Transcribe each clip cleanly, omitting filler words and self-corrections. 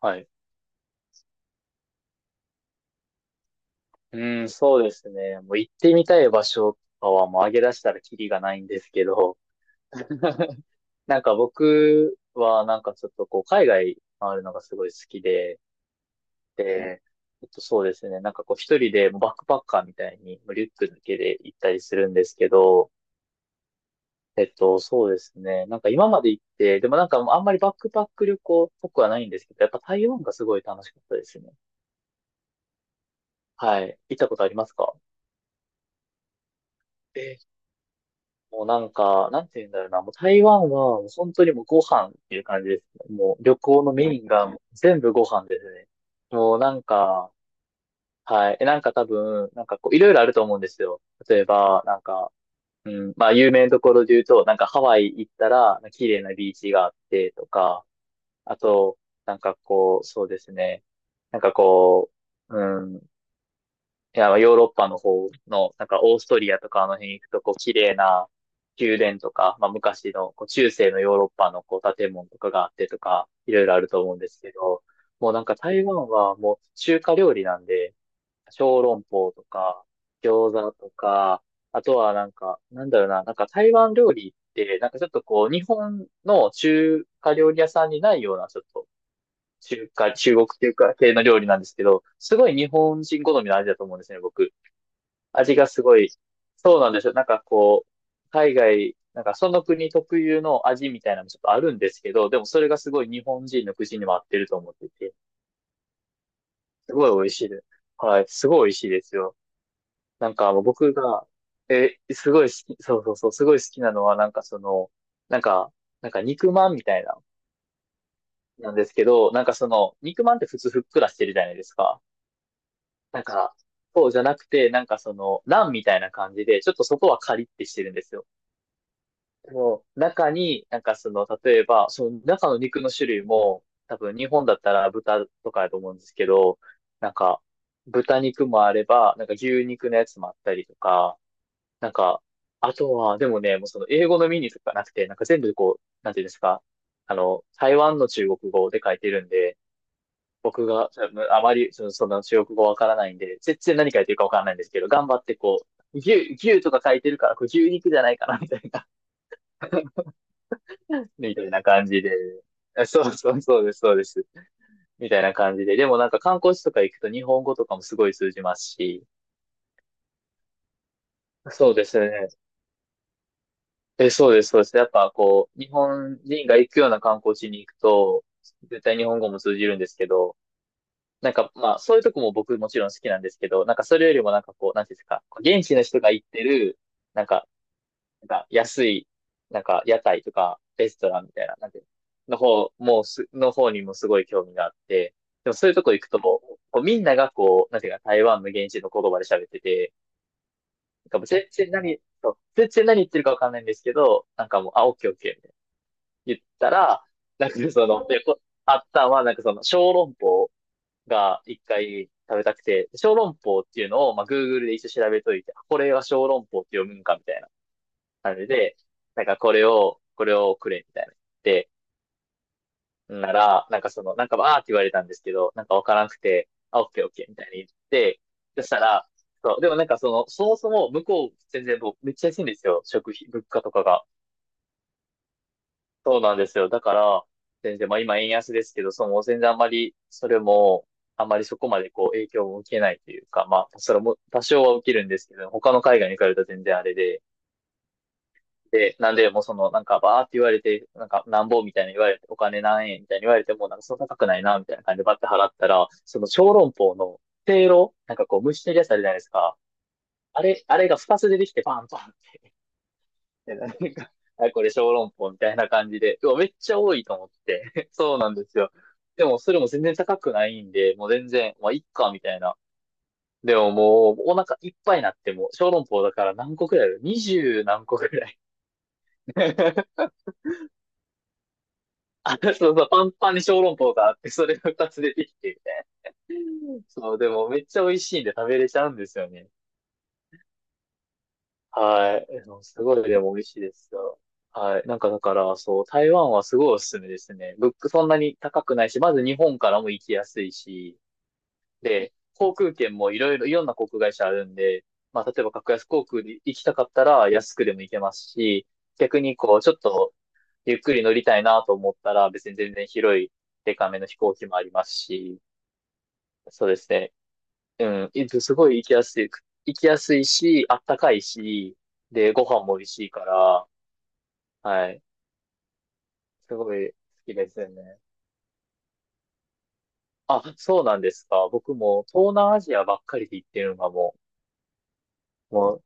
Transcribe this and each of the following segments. はい。うん、そうですね。もう行ってみたい場所とかはもう上げ出したらキリがないんですけど、なんか僕はなんかちょっとこう海外回るのがすごい好きで、で、そうですね。なんかこう一人でもうバックパッカーみたいにもうリュックだけで行ったりするんですけど、そうですね。なんか今まで行って、でもなんかあんまりバックパック旅行っぽくはないんですけど、やっぱ台湾がすごい楽しかったですね。はい。行ったことありますか？もうなんか、なんて言うんだろうな、もう台湾はもう本当にもうご飯っていう感じですね。もう旅行のメインがもう全部ご飯ですね。もうなんか、はい。え、なんか多分、なんかこう、いろいろあると思うんですよ。例えば、なんか、うん、まあ有名なところで言うと、なんかハワイ行ったら、綺麗なビーチがあってとか、あと、なんかこう、そうですね。なんかこう、うんいや、ヨーロッパの方の、なんかオーストリアとかあの辺行くと、こう、綺麗な宮殿とか、まあ昔の、こう、中世のヨーロッパのこう、建物とかがあってとか、いろいろあると思うんですけど、もうなんか台湾はもう中華料理なんで、小籠包とか、餃子とか、あとはなんか、なんだろうな、なんか台湾料理って、なんかちょっとこう、日本の中華料理屋さんにないような、ちょっと、中華、中国っていうか、系の料理なんですけど、すごい日本人好みの味だと思うんですね、僕。味がすごい、そうなんですよ。なんかこう、海外、なんかその国特有の味みたいなのもちょっとあるんですけど、でもそれがすごい日本人の口にも合ってると思ってて、すごい美味しいです。はい、すごい美味しいですよ。なんかもう僕が、え、すごい好き、そうそうそう、すごい好きなのはなんかその、なんか、なんか肉まんみたいな、なんですけど、なんかその、肉まんって普通ふっくらしてるじゃないですか。なんか、そうじゃなくて、なんかその、ランみたいな感じで、ちょっと外はカリッてしてるんですよ。でも、中に、なんかその、例えば、その中の肉の種類も、多分日本だったら豚とかだと思うんですけど、なんか、豚肉もあれば、なんか牛肉のやつもあったりとか、なんか、あとは、でもね、もうその英語のメニューとかなくて、なんか全部こう、なんていうんですか、あの、台湾の中国語で書いてるんで、僕がそのあまりその、その中国語わからないんで、全然何書いてるかわからないんですけど、頑張ってこう、牛とか書いてるから、これ牛肉じゃないかな、みたいな。みたいな感じで。あそうそうそうです、そうです。みたいな感じで。でもなんか観光地とか行くと日本語とかもすごい通じますし。そうですね。え、そうです、そうです。やっぱこう、日本人が行くような観光地に行くと、絶対日本語も通じるんですけど、なんかまあ、そういうとこも僕もちろん好きなんですけど、なんかそれよりもなんかこう、なんていうんですか、現地の人が行ってる、なんかなんか安い、なんか屋台とかレストランみたいな、なんていうの、の方、もうす、の方にもすごい興味があって、でもそういうとこ行くと、こうみんながこう、なんていうか台湾の現地の言葉で喋ってて、なんかもう全然何、そう全然何言ってるかわかんないんですけど、なんかもう、あ、オッケーオッケーみたいな言ったら、なんかその、あったのは、なんかその、小籠包が一回食べたくて、小籠包っていうのを、まあ、Google で一応調べといて、あこれは小籠包って読むんかみたいな。感じで、なんかこれを、これをくれみたいな言って、なら、なんかその、なんかばーって言われたんですけど、なんかわからなくて、あ、オッケーオッケーみたいに言って、そしたら、そう、でもなんかその、そもそも向こう全然僕めっちゃ安いんですよ。食費、物価とかが。そうなんですよ。だから、全然、まあ今円安ですけど、その全然あんまり、それも、あんまりそこまでこう影響を受けないというか、まあ、それも多少は受けるんですけど、他の海外に比べたら全然あれで、で、なんで、もうその、なんか、バーって言われて、なんか、なんぼみたいな言われて、お金何円みたいに言われても、なんか、そんな高くないな、みたいな感じでバッて払ったら、その小籠包の、せいろなんかこう、蒸してるやつあるじゃないですか。あれ、あれが2つ出てきて、パンパンって。なんか、あ、これ小籠包みたいな感じで、うわ、めっちゃ多いと思って。そうなんですよ。でも、それも全然高くないんで、もう全然、まあ、いっか、みたいな。でももう、お腹いっぱいになっても、小籠包だから何個くらいある？ 20 何個くらい。 あ、そうそう、パンパンに小籠包があって、それが2つ出てきてみたいな。そう、でもめっちゃ美味しいんで食べれちゃうんですよね。はい。でもすごいでも美味しいですよ。はい。なんかだから、そう、台湾はすごいおすすめですね。物価そんなに高くないし、まず日本からも行きやすいし、で、航空券もいろいろ、いろんな航空会社あるんで、まあ、例えば格安航空で行きたかったら安くでも行けますし、逆にこう、ちょっとゆっくり乗りたいなと思ったら、別に全然広い、デカめの飛行機もありますし、そうですね。うん、いすごい行きやすい、行きやすいし、あったかいし、で、ご飯も美味しいから、はい、すごい好きですよね。あ、そうなんですか。僕も東南アジアばっかりで行ってるのがもう、もう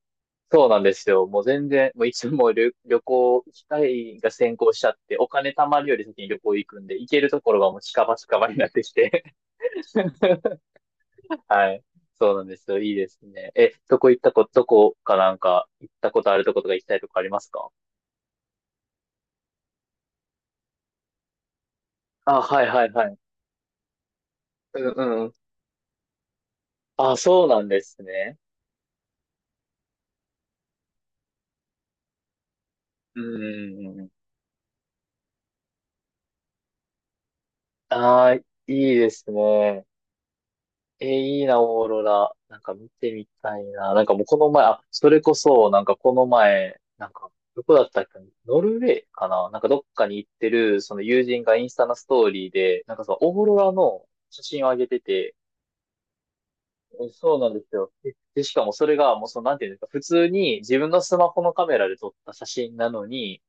そうなんですよ。もう全然、もういつも旅行、機会が先行しちゃって、お金貯まるより先に旅行行くんで、行けるところがもう近場近場になってきて。はい。そうなんですよ。いいですね。え、どこかなんか、行ったことあるとことか行きたいとこありますか？あ、はいはいはい。うんうん。あ、そうなんですね。うんうんうん。ああ、いいですね。えー、いいな、オーロラ。なんか見てみたいな。なんかもうこの前、あ、それこそ、なんかこの前、なんか、どこだったっけ、ノルウェーかな、なんかどっかに行ってる、その友人がインスタのストーリーで、なんかそのオーロラの写真を上げてて、そうなんですよ。で、しかもそれがもうその、なんていうんですか、普通に自分のスマホのカメラで撮った写真なのに、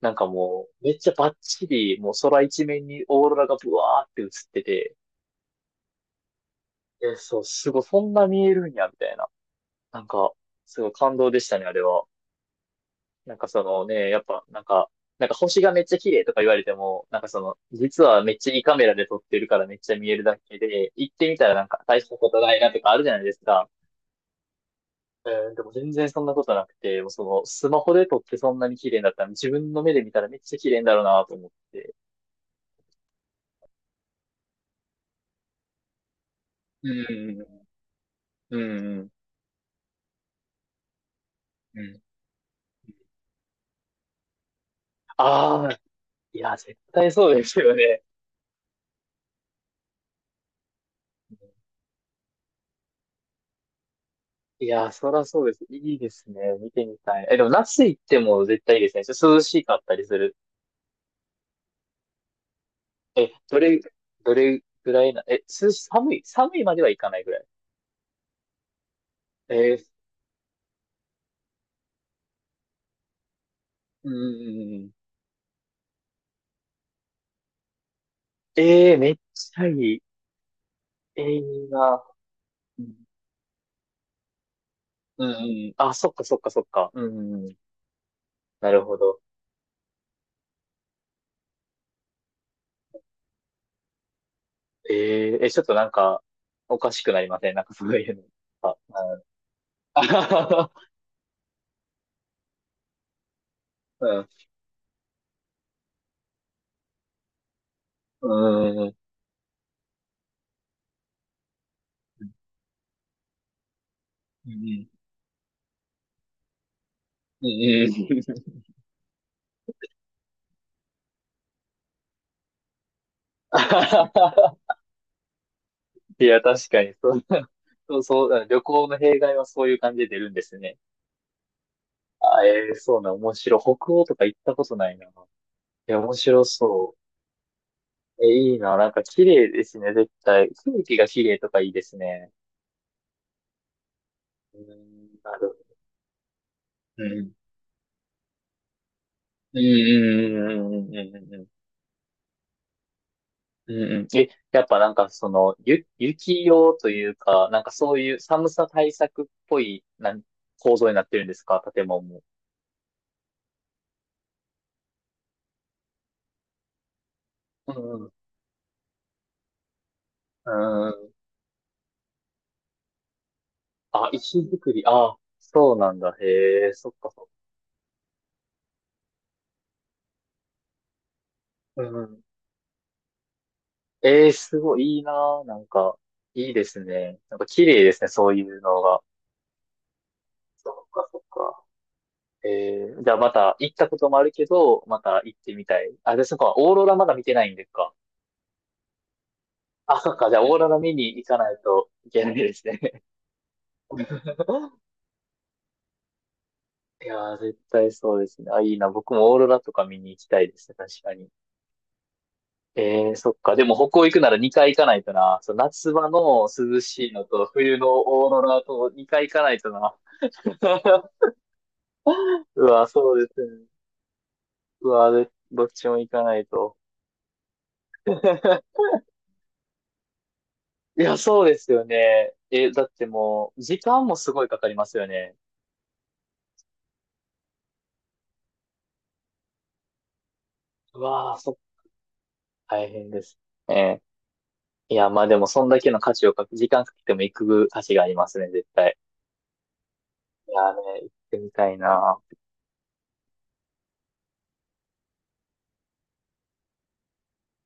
なんかもう、めっちゃバッチリ、もう空一面にオーロラがブワーって映ってて、そう、すごい、そんな見えるんや、みたいな。なんか、すごい感動でしたね、あれは。なんかそのね、やっぱ、なんか、なんか星がめっちゃ綺麗とか言われても、なんかその、実はめっちゃいいカメラで撮ってるからめっちゃ見えるだけで、行ってみたらなんか大したことないなとかあるじゃないですか。うん、でも全然そんなことなくて、もうその、スマホで撮ってそんなに綺麗だったら、自分の目で見たらめっちゃ綺麗だろうなと思って。うん、うん、うん、うん。ああ、いや、絶対そうですよね。いやー、そらそうです。いいですね。見てみたい。え、でも、那須行っても絶対いいですね。ちょっと涼しかったりする。え、どれぐらいな、え、涼し、寒いまではいかないぐらい。えー、うんうんうん。えー、めっちゃいい。えー、いいな。うん、うんうん。あ、そっかそっかそっか。うん、うんうん。なるほど。えー、え、ちょっとなんか、おかしくなりませんなんかそういうの。あ、あ、ははははうん、うん、うん、うん、うん。うんうんうん いや、確かに、そう、そう、そう、旅行の弊害はそういう感じで出るんですね。あ、えーそうな、面白い。北欧とか行ったことないな。いや、面白そう。え、いいな、なんか綺麗ですね、絶対。空気が綺麗とかいいですね。うん、なるほど。うん。うんうんうんうんうんうんうんうんうん。え、やっぱなんかその、雪用というか、なんかそういう寒さ対策っぽい、構造になってるんですか、建物も。うんうん。うん、あ、石造り。あ、そうなんだ。へえ、そっかそっか。うん。ええ、すごいいいなぁ。なんか、いいですね。なんか綺麗ですね、そういうのが。そっかそっか。ええ、じゃあまた行ったこともあるけど、また行ってみたい。あ、で、そっか、オーロラまだ見てないんですか。あ、そっか、じゃあオーロラ見に行かないといけないですね。いやー、絶対そうですね。あ、いいな。僕もオーロラとか見に行きたいですね、確かに。ええ、そっか。でも北欧行くなら2回行かないとな。そう、夏場の涼しいのと冬のオーロラと2回行かないとな。うわ、そうですね。うわ、でどっちも行かないと。いや、そうですよね。え、だってもう、時間もすごいかかりますよね。うわー、大変です。ええ。いや、まあでも、そんだけの価値をかけ、時間かけても行く価値がありますね、絶対。いやーね、行ってみたいな。